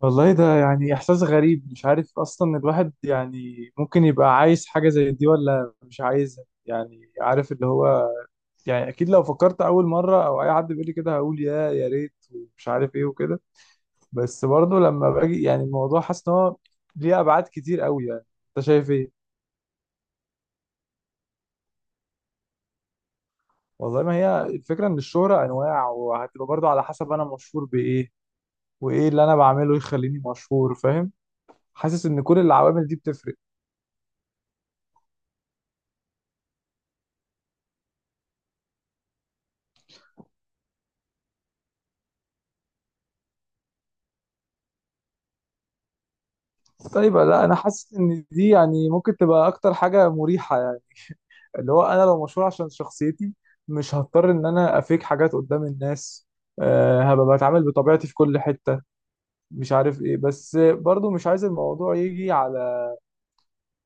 والله ده يعني إحساس غريب. مش عارف أصلا الواحد يعني ممكن يبقى عايز حاجة زي دي ولا مش عايزها، يعني عارف اللي هو يعني أكيد لو فكرت أول مرة أو أي حد بيقول لي كده هقول يا ريت ومش عارف إيه وكده. بس برضه لما باجي يعني الموضوع حاسس إن هو ليه أبعاد كتير قوي يعني. أنت شايف إيه؟ والله ما هي الفكرة إن الشهرة أنواع، وهتبقى برضه على حسب أنا مشهور بإيه وإيه اللي أنا بعمله يخليني مشهور، فاهم؟ حاسس إن كل العوامل دي بتفرق. سايبه. لا انا حاسس ان دي يعني ممكن تبقى اكتر حاجه مريحه يعني. اللي هو انا لو مشهور عشان شخصيتي مش هضطر ان انا افيك حاجات قدام الناس. أه، هبقى بتعامل بطبيعتي في كل حته. مش عارف ايه، بس برضو مش عايز الموضوع يجي على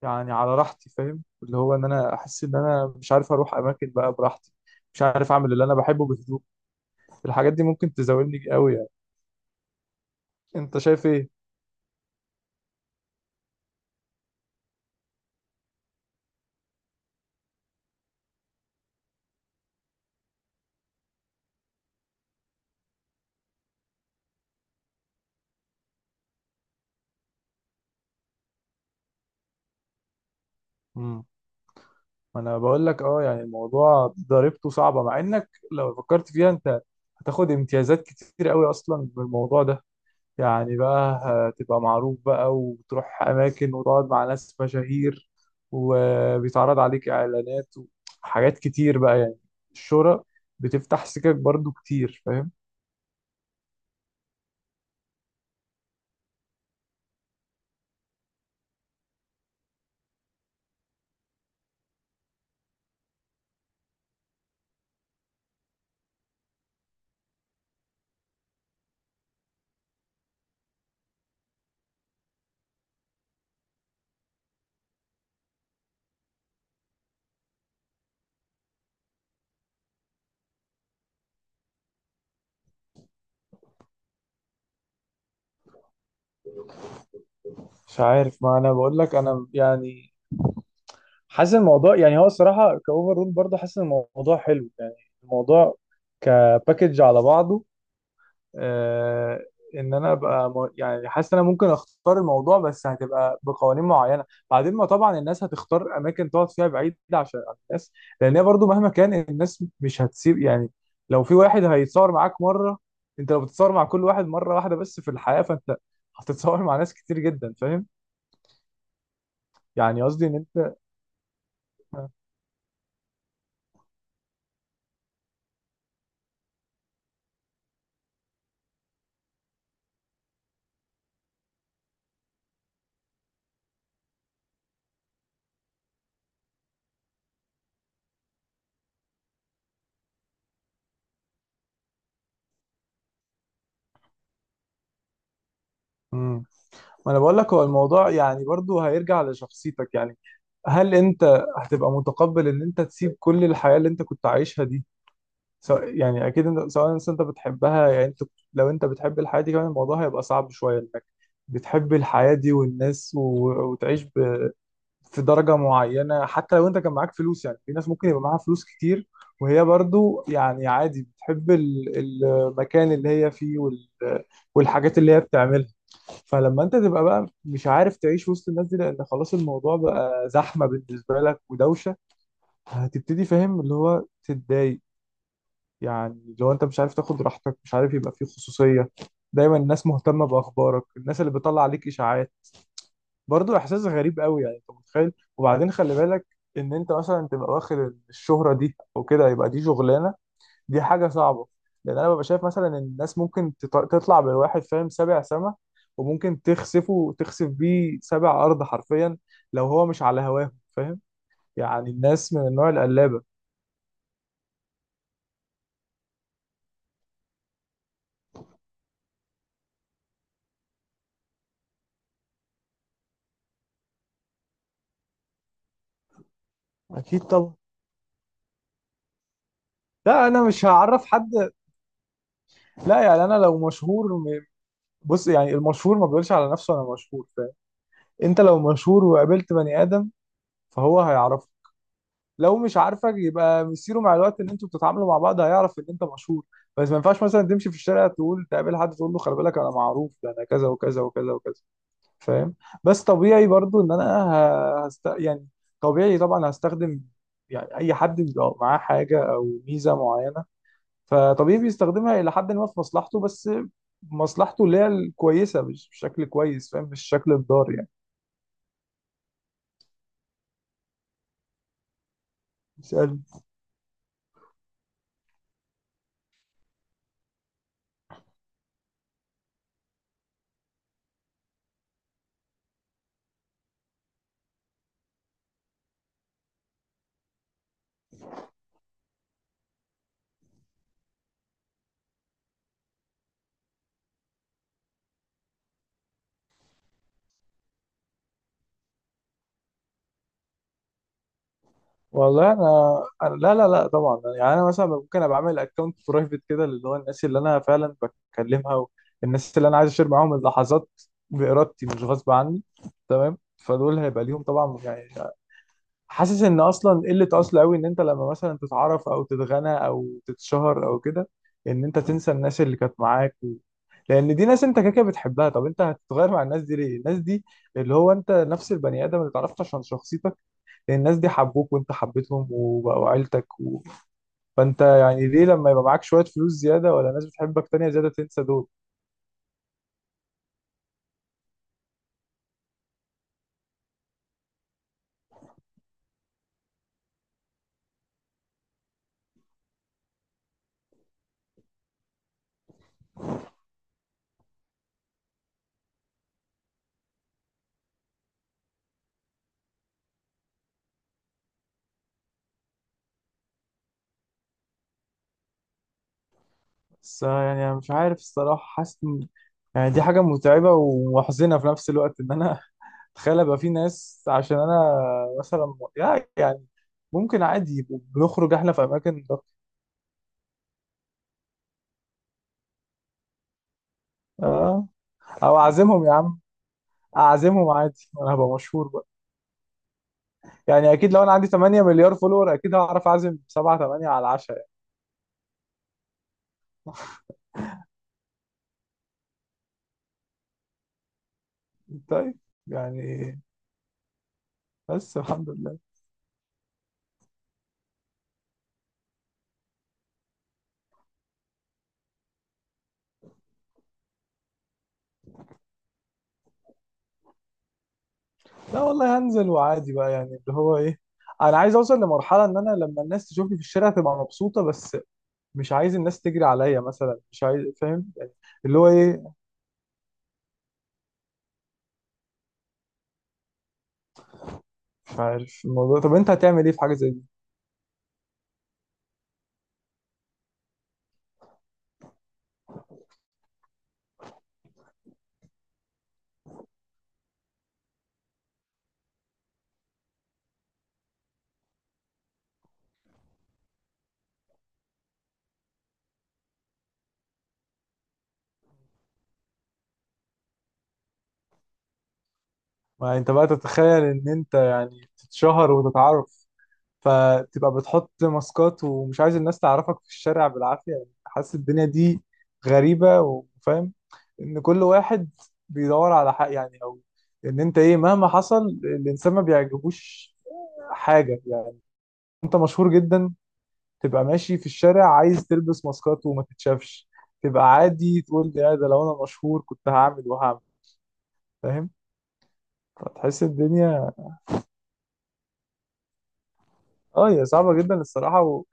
يعني على راحتي، فاهم؟ اللي هو ان انا احس ان انا مش عارف اروح اماكن بقى براحتي، مش عارف اعمل اللي انا بحبه بهدوء. الحاجات دي ممكن تزاولني قوي يعني. انت شايف ايه؟ ما انا بقول لك اه، يعني الموضوع ضريبته صعبه مع انك لو فكرت فيها انت هتاخد امتيازات كتير قوي اصلا بالموضوع ده يعني. بقى هتبقى معروف بقى وتروح اماكن وتقعد مع ناس مشاهير وبيتعرض عليك اعلانات وحاجات كتير بقى يعني. الشهرة بتفتح سكك برضو كتير، فاهم؟ مش عارف. ما انا بقول لك انا يعني حاسس الموضوع يعني هو الصراحه كاوفر رول. برضه حاسس ان الموضوع حلو يعني. الموضوع كباكج على بعضه. آه، ان انا ابقى يعني حاسس ان انا ممكن اختار الموضوع بس هتبقى بقوانين معينه. بعدين ما طبعا الناس هتختار اماكن تقعد فيها بعيده عشان عن الناس، لان هي برضو مهما كان الناس مش هتسيب يعني. لو في واحد هيتصور معاك مره، انت لو بتتصور مع كل واحد مره واحده بس في الحياه فانت هتتصور مع ناس كتير جدا، فاهم؟ يعني قصدي ان انت امم ما انا بقول لك هو الموضوع يعني برضو هيرجع لشخصيتك يعني. هل انت هتبقى متقبل ان انت تسيب كل الحياه اللي انت كنت عايشها دي؟ سواء يعني اكيد انت سواء انت أنت بتحبها يعني انت، لو انت بتحب الحياه دي كمان الموضوع هيبقى صعب شويه انك بتحب الحياه دي والناس و... وتعيش ب... في درجه معينه حتى لو انت كان معاك فلوس. يعني في ناس ممكن يبقى معاها فلوس كتير وهي برضو يعني عادي بتحب المكان اللي هي فيه وال... والحاجات اللي هي بتعملها. فلما انت تبقى بقى مش عارف تعيش وسط الناس دي لان خلاص الموضوع بقى زحمه بالنسبه لك ودوشه، هتبتدي فاهم اللي هو تتضايق يعني. لو انت مش عارف تاخد راحتك، مش عارف يبقى فيه خصوصية، دايما الناس مهتمة بأخبارك، الناس اللي بتطلع عليك إشاعات، برضو إحساس غريب قوي يعني. انت متخيل؟ وبعدين خلي بالك ان انت مثلا تبقى واخد الشهرة دي او كده يبقى دي شغلانة، دي حاجة صعبة. لان انا ببقى شايف مثلا ان الناس ممكن تطلع بالواحد فاهم سابع سما، وممكن تخسفه تخسف بيه سابع ارض حرفيا لو هو مش على هواه، فاهم؟ يعني الناس من النوع القلابة. اكيد طبعا. لا انا مش هعرف حد. لا يعني انا لو مشهور بص، يعني المشهور ما بيقولش على نفسه انا مشهور، فاهم؟ انت لو مشهور وقابلت بني ادم فهو هيعرفك. لو مش عارفك يبقى مصيره مع الوقت ان انتوا بتتعاملوا مع بعض هيعرف ان انت مشهور. بس ما ينفعش مثلا تمشي في الشارع تقول تقابل حد تقول له خلي بالك انا معروف، ده انا كذا وكذا وكذا وكذا، فاهم؟ بس طبيعي برضو ان انا يعني طبيعي طبعا هستخدم. يعني اي حد بيبقى معاه حاجه او ميزه معينه فطبيعي بيستخدمها الى حد ما في مصلحته، بس مصلحته اللي هي الكويسه، مش بشكل كويس، فاهم؟ مش شكل الضار يعني. اسال. والله انا لا لا لا، طبعا. يعني انا مثلا ممكن ابقى اعمل اكونت برايفت كده اللي هو الناس اللي انا فعلا بكلمها والناس اللي انا عايز اشير معاهم اللحظات بارادتي مش غصب عني، تمام؟ فدول هيبقى ليهم طبعا يعني. حاسس ان اصلا قله اصل قوي ان انت لما مثلا تتعرف او تتغنى او تتشهر او كده ان انت تنسى الناس اللي كانت معاك و... لان دي ناس انت كده كده بتحبها. طب انت هتتغير مع الناس دي ليه؟ الناس دي اللي هو انت نفس البني ادم اللي اتعرفت عشان شخصيتك. لان الناس دي حبوك وانت حبيتهم وبقوا عيلتك و... فانت يعني ليه لما يبقى معاك شويه فلوس زياده ولا ناس بتحبك تانية زياده تنسى دول؟ بس يعني انا مش عارف الصراحه، حاسس يعني دي حاجه متعبه ومحزنه في نفس الوقت ان انا تخيل ابقى في ناس عشان انا مثلا يعني ممكن عادي يبقوا بنخرج احنا في اماكن ده. اه او اعزمهم يا عم، اعزمهم عادي وانا هبقى مشهور بقى. يعني اكيد لو انا عندي 8 مليار فولور اكيد هعرف اعزم 7 8 على العشاء. يعني طيب يعني، بس الحمد لله. لا والله، هنزل وعادي بقى يعني اللي هو ايه، انا عايز اوصل لمرحله ان انا لما الناس تشوفني في الشارع تبقى مبسوطه بس، مش عايز الناس تجري عليا مثلا، مش عايز، فاهم يعني؟ اللي هو ايه مش عارف الموضوع. طب انت هتعمل ايه في حاجه زي دي؟ ما انت بقى تتخيل ان انت تتشهر وتتعرف فتبقى بتحط ماسكات ومش عايز الناس تعرفك في الشارع بالعافيه، يعني حاسس الدنيا دي غريبه وفاهم ان كل واحد بيدور على حق يعني، او ان انت ايه مهما حصل الانسان ما بيعجبوش حاجه يعني. انت مشهور جدا تبقى ماشي في الشارع عايز تلبس ماسكات وما تتشافش؟ تبقى عادي تقول يا ده لو انا مشهور كنت هعمل وهعمل، فاهم؟ فتحس الدنيا. اه، هي صعبة جدا الصراحة و...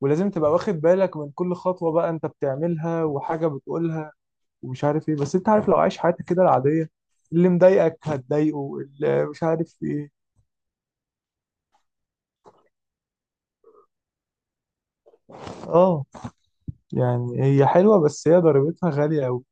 ولازم تبقى واخد بالك من كل خطوة بقى انت بتعملها وحاجة بتقولها ومش عارف ايه. بس انت عارف لو عايش حياتك كده العادية اللي مضايقك هتضايقه، اللي مش عارف ايه. اه، يعني هي حلوة بس هي ضريبتها غالية اوي.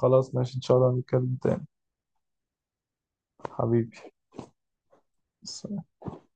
خلاص ماشي، ان شاء الله نتكلم تاني، حبيبي.